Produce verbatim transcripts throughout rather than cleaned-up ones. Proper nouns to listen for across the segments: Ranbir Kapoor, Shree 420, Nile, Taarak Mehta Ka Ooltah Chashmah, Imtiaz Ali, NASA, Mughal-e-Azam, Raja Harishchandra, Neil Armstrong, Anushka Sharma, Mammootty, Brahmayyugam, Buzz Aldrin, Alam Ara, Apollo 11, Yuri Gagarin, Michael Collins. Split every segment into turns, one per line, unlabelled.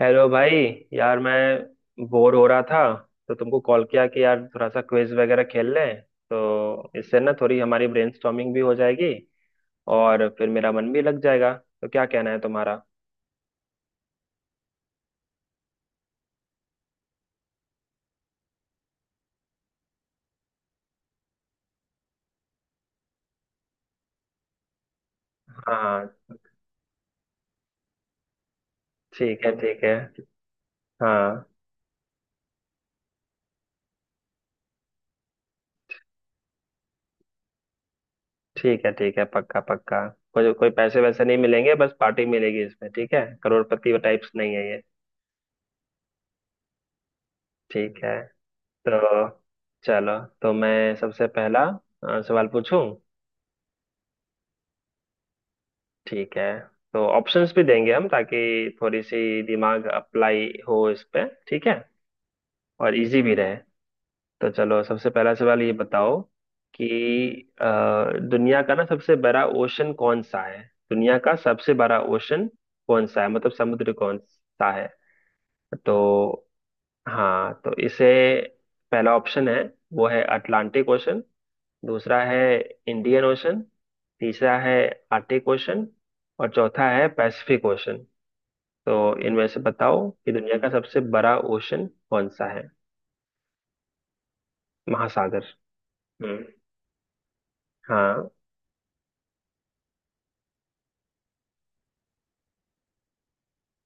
Hello भाई। यार मैं बोर हो रहा था तो तुमको कॉल किया कि यार थोड़ा सा क्विज वगैरह खेल लें। तो इससे ना थोड़ी हमारी ब्रेनस्टॉर्मिंग भी हो जाएगी और फिर मेरा मन भी लग जाएगा। तो क्या कहना है तुम्हारा? हाँ। ठीक है, ठीक है। हाँ। ठीक है, ठीक है, पक्का पक्का। कोई कोई पैसे वैसे नहीं मिलेंगे, बस पार्टी मिलेगी इसमें। ठीक है, करोड़पति टाइप्स नहीं है ये। ठीक है। तो चलो, तो मैं सबसे पहला अ, सवाल पूछूं। ठीक है। तो ऑप्शंस भी देंगे हम, ताकि थोड़ी सी दिमाग अप्लाई हो इस पे। ठीक है। और इजी भी रहे। तो चलो सबसे पहला सवाल ये बताओ कि अ, दुनिया का ना सबसे बड़ा ओशन कौन सा है? दुनिया का सबसे बड़ा ओशन कौन सा है, मतलब समुद्र कौन सा है? तो हाँ, तो इसे पहला ऑप्शन है, वो है अटलांटिक ओशन। दूसरा है इंडियन ओशन। तीसरा है आर्टिक ओशन। और चौथा है पैसिफिक ओशन। तो इनमें से बताओ कि दुनिया का सबसे बड़ा ओशन कौन सा है? महासागर। हम्म। हाँ।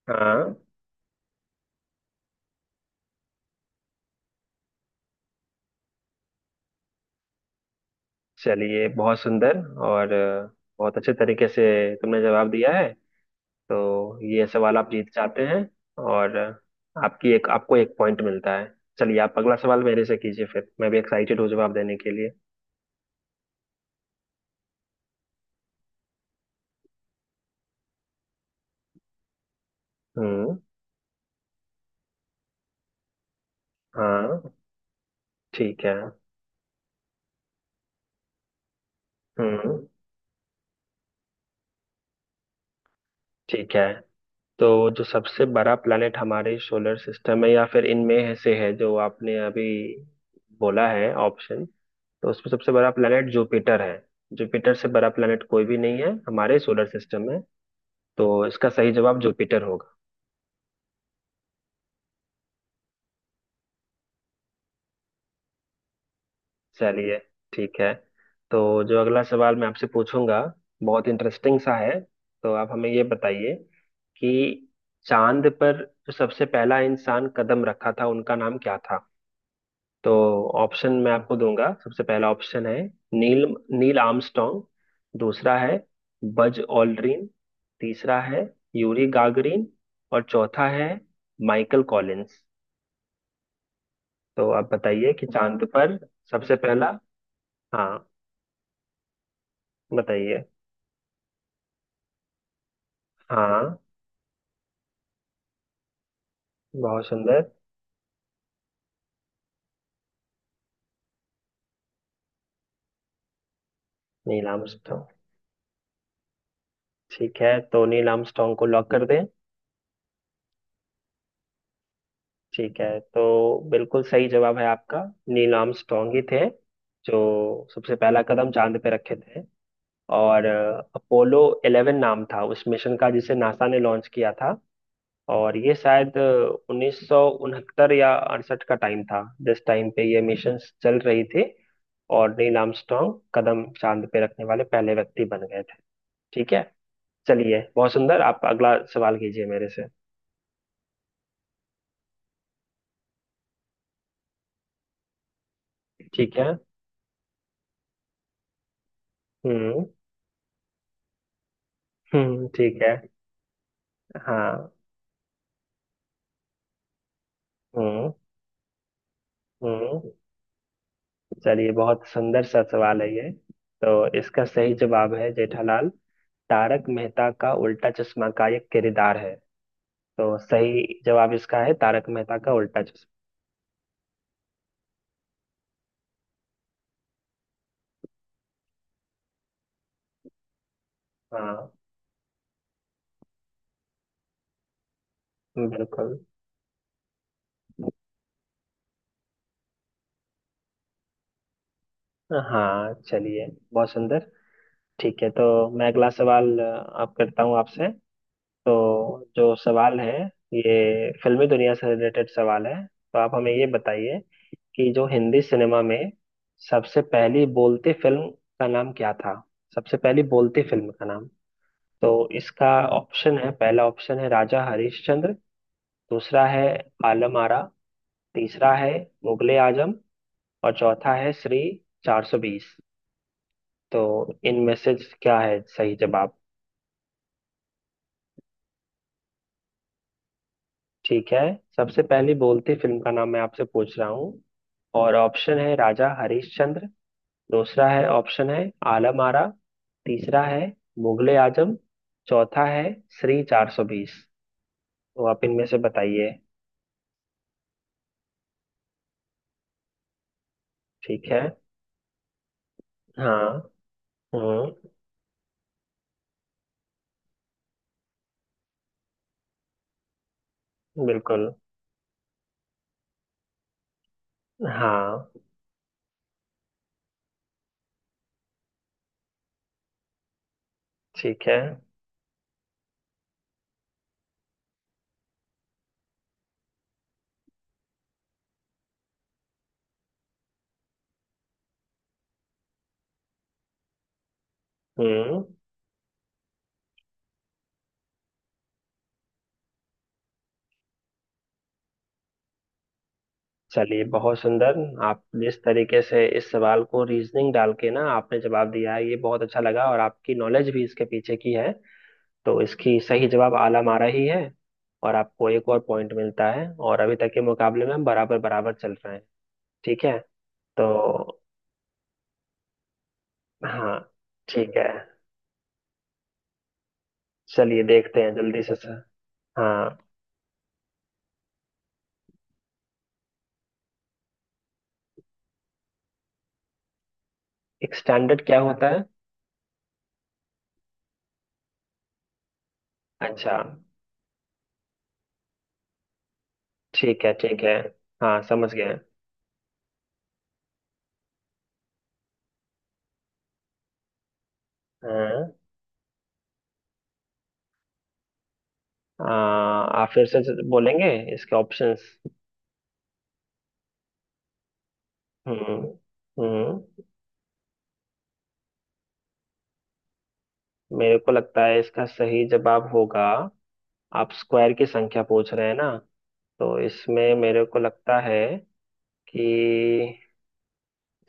हाँ। चलिए, बहुत सुंदर। और अ, बहुत अच्छे तरीके से तुमने जवाब दिया है, तो ये सवाल आप जीत जाते हैं। और अ, आपकी एक आपको एक पॉइंट मिलता है। चलिए, आप अगला सवाल मेरे से कीजिए, फिर मैं भी एक्साइटेड हूँ जवाब देने के लिए। हम्म। हाँ। ठीक है। हम्म। ठीक है। तो जो सबसे बड़ा प्लैनेट हमारे सोलर सिस्टम में, या फिर इनमें है- से है जो आपने अभी बोला है ऑप्शन, तो उसमें सबसे बड़ा प्लैनेट जुपिटर है। जुपिटर से बड़ा प्लैनेट कोई भी नहीं है हमारे सोलर सिस्टम में। तो इसका सही जवाब जुपिटर होगा। चलिए। ठीक है। तो जो अगला सवाल मैं आपसे पूछूंगा, बहुत इंटरेस्टिंग सा है। तो आप हमें ये बताइए कि चांद पर जो सबसे पहला इंसान कदम रखा था, उनका नाम क्या था? तो ऑप्शन मैं आपको दूंगा। सबसे पहला ऑप्शन है नील, नील आर्मस्ट्रॉन्ग। दूसरा है बज ऑल्ड्रिन। तीसरा है यूरी गागरिन। और चौथा है माइकल कॉलिंस। तो आप बताइए कि चांद पर सबसे पहला। हाँ, बताइए। हाँ, बहुत सुंदर। Neil Armstrong. ठीक है, तो नील आर्मस्ट्रॉन्ग को लॉक कर दें। ठीक है, तो बिल्कुल सही जवाब है आपका। नील आर्मस्ट्रॉन्ग ही थे जो सबसे पहला कदम चांद पे रखे थे। और अपोलो ग्यारह नाम था उस मिशन का, जिसे नासा ने लॉन्च किया था। और ये शायद उन्नीस सौ उनहत्तर या अड़सठ का टाइम था जिस टाइम पे ये मिशन चल रही थी। और नील आर्मस्ट्रॉन्ग कदम चांद पे रखने वाले पहले व्यक्ति बन गए थे। ठीक है। चलिए, बहुत सुंदर। आप अगला सवाल कीजिए मेरे से। ठीक है। हम्म। हम्म। ठीक है। हाँ। हम्म। हम्म। चलिए, बहुत सुंदर सा सवाल है ये। तो इसका सही जवाब है जेठालाल तारक मेहता का उल्टा चश्मा का एक किरदार है। तो सही जवाब इसका है तारक मेहता का उल्टा चश्मा। हाँ। बिल्कुल। हाँ। चलिए, बहुत सुंदर। ठीक है। तो मैं अगला सवाल अ, आप करता हूँ आपसे। तो जो सवाल है ये फिल्मी दुनिया से रिलेटेड सवाल है। तो आप हमें ये बताइए कि जो हिंदी सिनेमा में सबसे पहली बोलती फिल्म का नाम क्या था? सबसे पहली बोलती फिल्म का नाम। तो इसका ऑप्शन है, पहला ऑप्शन है राजा हरिश्चंद्र। दूसरा है आलम आरा। तीसरा है मुगले आजम। और चौथा है श्री चार सौ बीस। तो इनमें से क्या है सही जवाब? ठीक है। सबसे पहली बोलती फिल्म का नाम मैं आपसे पूछ रहा हूँ। और ऑप्शन है राजा हरिश्चंद्र। दूसरा है ऑप्शन है आलम आरा। तीसरा है मुगले आजम। चौथा है श्री चार सौ बीस। तो आप इनमें से बताइए। ठीक है। हाँ। हम्म। बिल्कुल। हाँ। ठीक है। हम्म। चलिए, बहुत सुंदर। आप जिस तरीके से इस सवाल को रीजनिंग डाल के ना आपने जवाब दिया है ये बहुत अच्छा लगा, और आपकी नॉलेज भी इसके पीछे की है। तो इसकी सही जवाब आला मारा ही है। और आपको एक और पॉइंट मिलता है, और अभी तक के मुकाबले में हम बराबर बराबर चल रहे हैं। ठीक है। तो हाँ। ठीक है। चलिए, देखते हैं जल्दी से सर। हाँ। एक स्टैंडर्ड क्या होता है? अच्छा। ठीक है, ठीक है। हाँ, समझ गए। हाँ। आ, आप फिर से बोलेंगे इसके ऑप्शंस? हम्म। हम्म। मेरे को लगता है इसका सही जवाब होगा। आप स्क्वायर की संख्या पूछ रहे हैं ना? तो इसमें मेरे को लगता है कि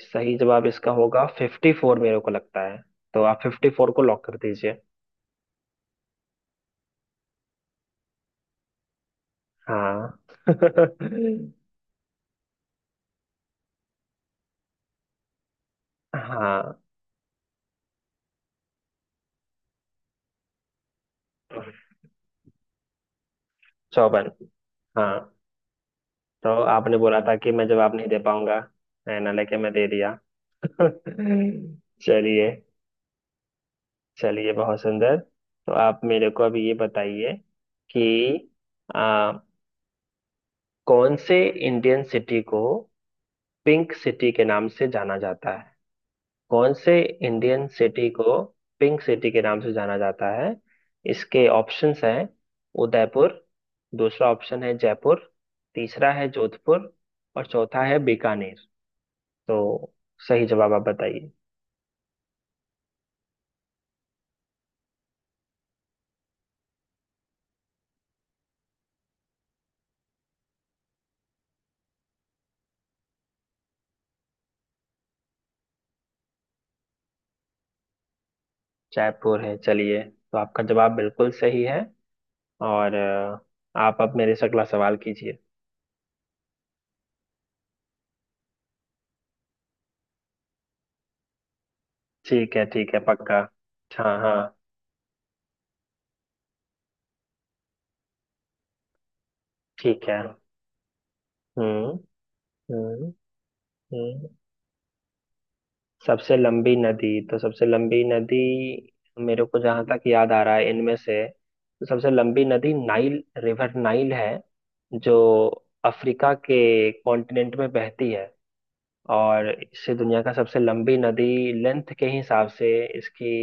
सही जवाब इसका होगा फिफ्टी फोर, मेरे को लगता है। तो आप फिफ्टी फोर को लॉक कर दीजिए। हाँ। हाँ। चौवन। हाँ। तो आपने बोला था कि मैं जवाब नहीं दे पाऊंगा, है ना, लेके मैं दे दिया। चलिए। चलिए, बहुत सुंदर। तो आप मेरे को अभी ये बताइए कि आ, कौन से इंडियन सिटी को पिंक सिटी के नाम से जाना जाता है? कौन से इंडियन सिटी को पिंक सिटी के नाम से जाना जाता है? इसके ऑप्शंस हैं उदयपुर। दूसरा ऑप्शन है जयपुर। तीसरा है जोधपुर। और चौथा है बीकानेर। तो सही जवाब आप बताइए। जयपुर है। चलिए, तो आपका जवाब बिल्कुल सही है। और अ, आप अब मेरे से अगला सवाल कीजिए। ठीक है, ठीक है, पक्का। हाँ। हाँ। ठीक है। हम्म। हम्म। हम्म। सबसे लंबी नदी, तो सबसे लंबी नदी, मेरे को जहां तक याद आ रहा है इनमें से तो सबसे लंबी नदी नाइल रिवर, नाइल है, जो अफ्रीका के कॉन्टिनेंट में बहती है। और इसे दुनिया का सबसे लंबी नदी लेंथ के हिसाब से, इसकी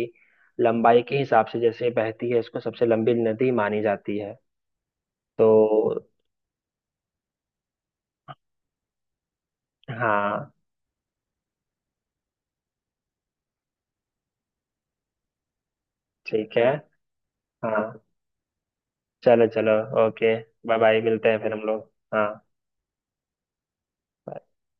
लंबाई के हिसाब से जैसे बहती है, इसको सबसे लंबी नदी मानी जाती है। तो हाँ। ठीक है। हाँ। चलो, चलो। ओके। बाय बाय, मिलते हैं फिर हम लोग। हाँ।